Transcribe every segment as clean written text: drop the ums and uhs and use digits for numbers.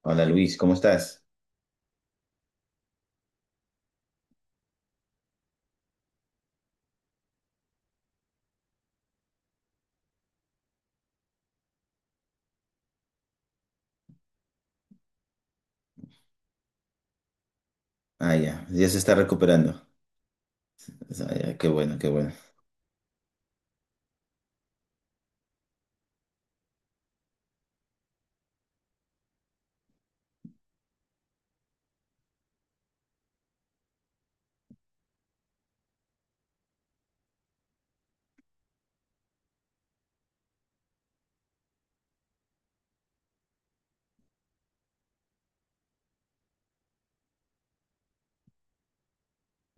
Hola Luis, ¿cómo estás? Ah, ya, ya se está recuperando. Ah, ya, qué bueno, qué bueno.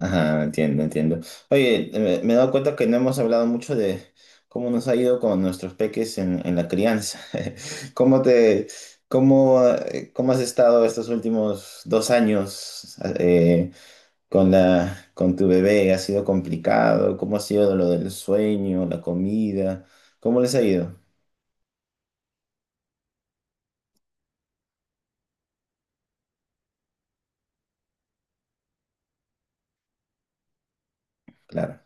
Ajá, entiendo, entiendo. Oye, me he dado cuenta que no hemos hablado mucho de cómo nos ha ido con nuestros peques en la crianza. ¿Cómo cómo, cómo has estado estos últimos dos años con con tu bebé? ¿Ha sido complicado? ¿Cómo ha sido lo del sueño, la comida? ¿Cómo les ha ido? Claro.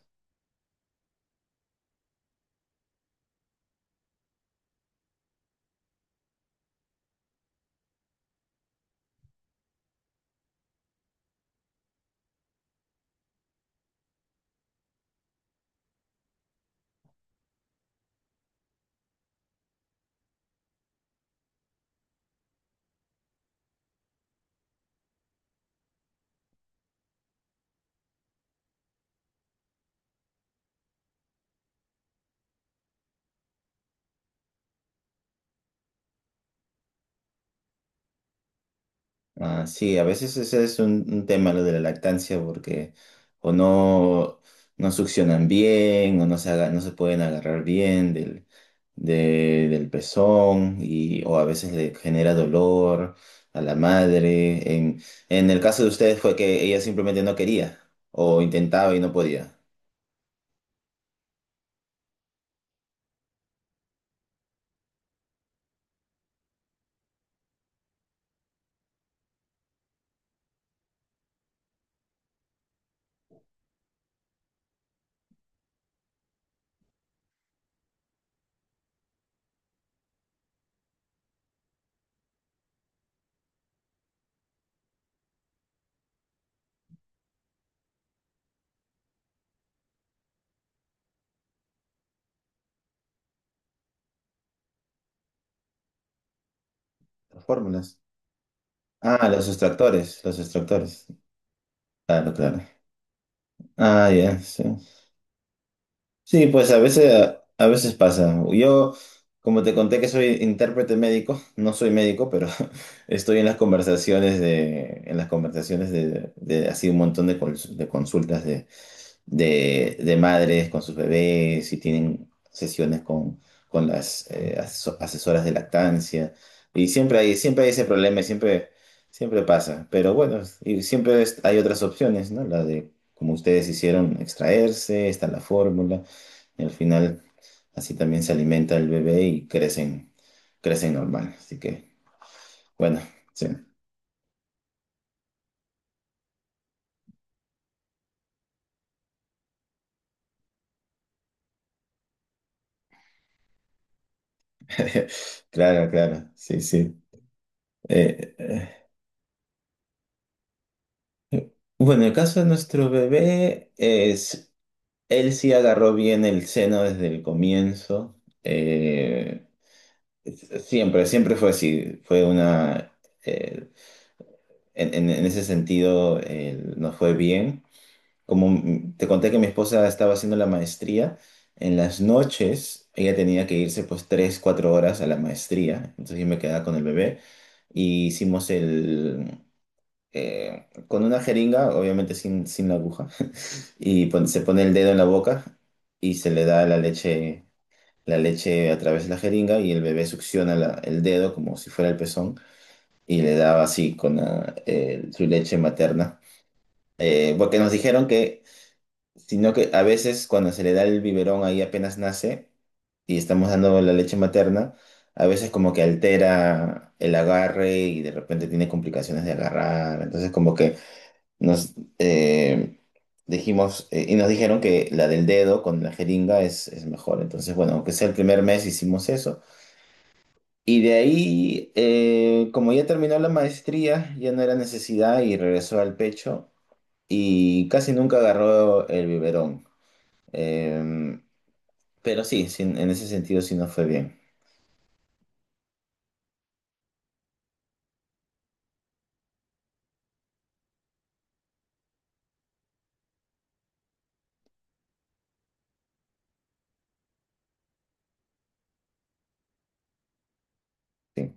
Ah, sí, a veces ese es un tema lo de la lactancia porque o no, no succionan bien o no se, no se pueden agarrar bien del pezón y, o a veces le genera dolor a la madre. En el caso de ustedes fue que ella simplemente no quería o intentaba y no podía. Las fórmulas. Ah, los extractores, los extractores. Claro, claro. Ah, ya, sí. Sí, pues a veces, a veces pasa. Yo, como te conté que soy intérprete médico, no soy médico, pero estoy en las conversaciones en las conversaciones de así un montón de, de consultas de madres con sus bebés y tienen sesiones con las asesoras de lactancia. Y siempre hay ese problema, y siempre, siempre pasa. Pero bueno, y siempre hay otras opciones, ¿no? La de, como ustedes hicieron, extraerse, está la fórmula. Y al final, así también se alimenta el bebé y crecen, crecen normal. Así que, bueno, sí. Claro, claro, sí, sí. Eh, eh, Bueno, en el caso de nuestro bebé es, él sí agarró bien el seno desde el comienzo. Siempre, siempre fue así. Fue una, eh, en ese sentido, nos fue bien. Como te conté que mi esposa estaba haciendo la maestría, en las noches ella tenía que irse pues 3 4 horas a la maestría, entonces yo me quedaba con el bebé y hicimos el... con una jeringa, obviamente sin la aguja, y se pone el dedo en la boca y se le da la leche a través de la jeringa y el bebé succiona el dedo como si fuera el pezón y le daba así con su leche materna. Porque nos dijeron que sino que a veces cuando se le da el biberón ahí apenas nace y estamos dando la leche materna, a veces como que altera el agarre y de repente tiene complicaciones de agarrar. Entonces como que nos dijimos y nos dijeron que la del dedo con la jeringa es mejor. Entonces bueno, aunque sea el primer mes hicimos eso. Y de ahí, como ya terminó la maestría, ya no era necesidad y regresó al pecho y casi nunca agarró el biberón. Em, pero sí, sí, en ese sentido sí no fue bien. Sí.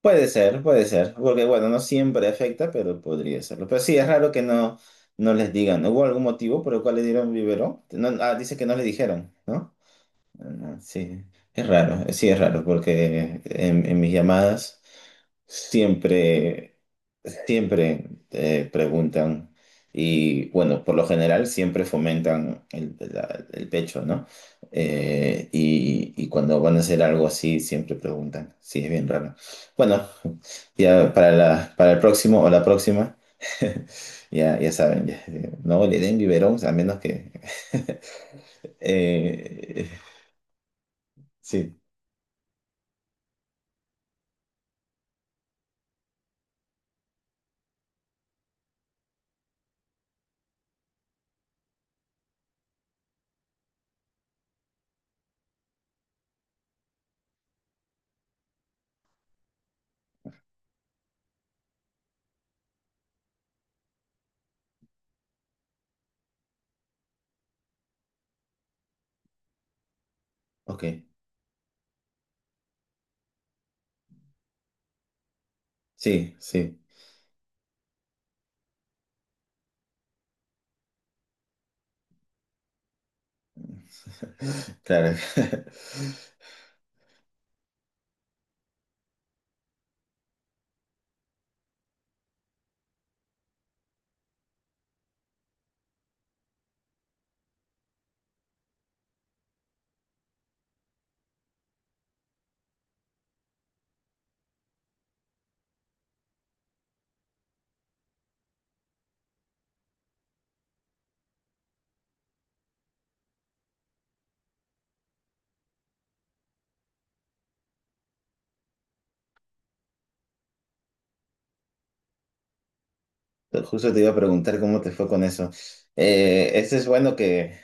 Puede ser, porque bueno, no siempre afecta, pero podría serlo. Pero sí, es raro que no, no les digan. ¿Hubo algún motivo por el cual le dieron biberón? No, ah, dice que no le dijeron, ¿no? Ah, sí, es raro, sí es raro porque en mis llamadas siempre, siempre preguntan y bueno, por lo general siempre fomentan el pecho, ¿no? Y cuando van a hacer algo así siempre preguntan, sí, es bien raro. Bueno, ya para para el próximo o la próxima, ya, ya saben, ya, no le den biberón a menos que... Eh, sí, ok. Sí, sí. Claro. Justo te iba a preguntar cómo te fue con eso. Este es bueno que...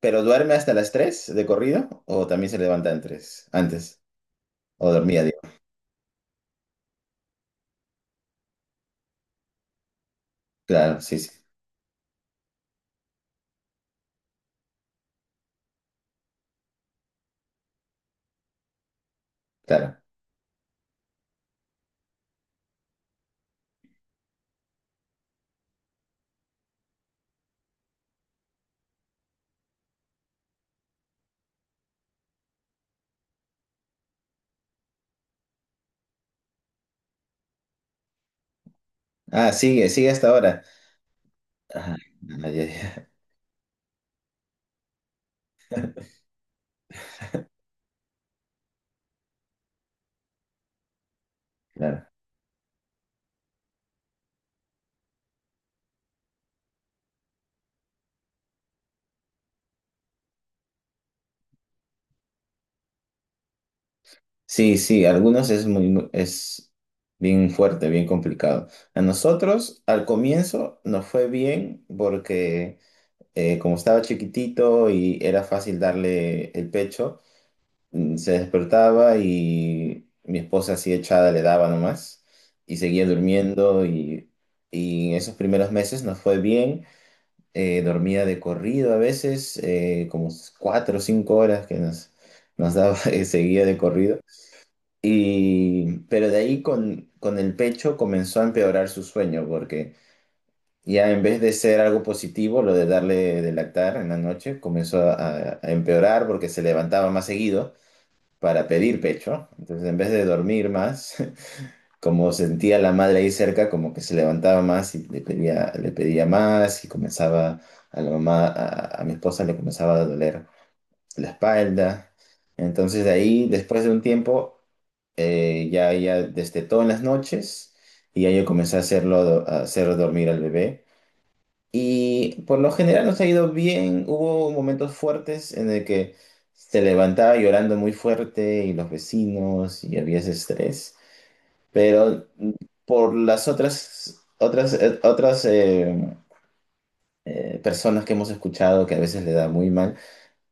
¿Pero duerme hasta las 3 de corrido? ¿O también se levanta en tres Antes. ¿O dormía, digo? Claro, sí, sí. Claro. Ah, sigue, sigue hasta ahora. Ah, ya, ya, ya, claro. Sí, sí, algunos es muy, es bien fuerte, bien complicado. A nosotros, al comienzo, nos fue bien porque como estaba chiquitito y era fácil darle el pecho, mm, se despertaba y mi esposa así echada le daba nomás y seguía durmiendo y en esos primeros meses nos fue bien. Dormía de corrido a veces, como cuatro o cinco horas que nos daba, seguía de corrido. Pero de ahí con el pecho comenzó a empeorar su sueño porque ya en vez de ser algo positivo, lo de darle de lactar en la noche comenzó a empeorar porque se levantaba más seguido para pedir pecho. Entonces, en vez de dormir más, como sentía la madre ahí cerca, como que se levantaba más y le pedía más y comenzaba a la mamá, a mi esposa le comenzaba a doler la espalda. Entonces, de ahí, después de un tiempo, ya destetó en las noches y ya yo comencé a hacerlo, a hacer dormir al bebé. Y por lo general nos ha ido bien. Hubo momentos fuertes en el que se levantaba llorando muy fuerte y los vecinos y había ese estrés. Pero por las otras, otras, personas que hemos escuchado que a veces le da muy mal,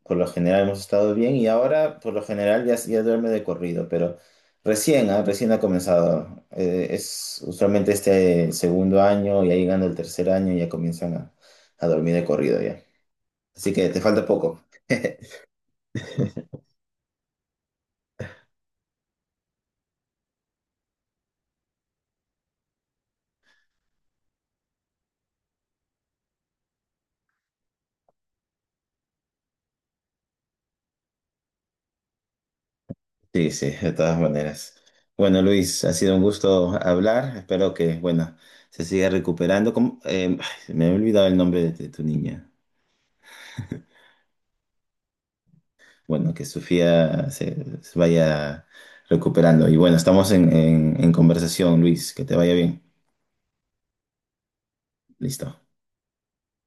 por lo general hemos estado bien y ahora por lo general ya, ya duerme de corrido, pero recién, ah, recién ha comenzado. Es usualmente este segundo año, ya llegando el tercer año, ya comienzan a dormir de corrido ya. Así que te falta poco. Sí, sí, de todas maneras. Bueno, Luis, ha sido un gusto hablar. Espero que, bueno, se siga recuperando. ¿Cómo? Ay, me he olvidado el nombre de tu niña. Bueno, que Sofía se, se vaya recuperando. Y bueno, estamos en en conversación, Luis. Que te vaya bien. Listo.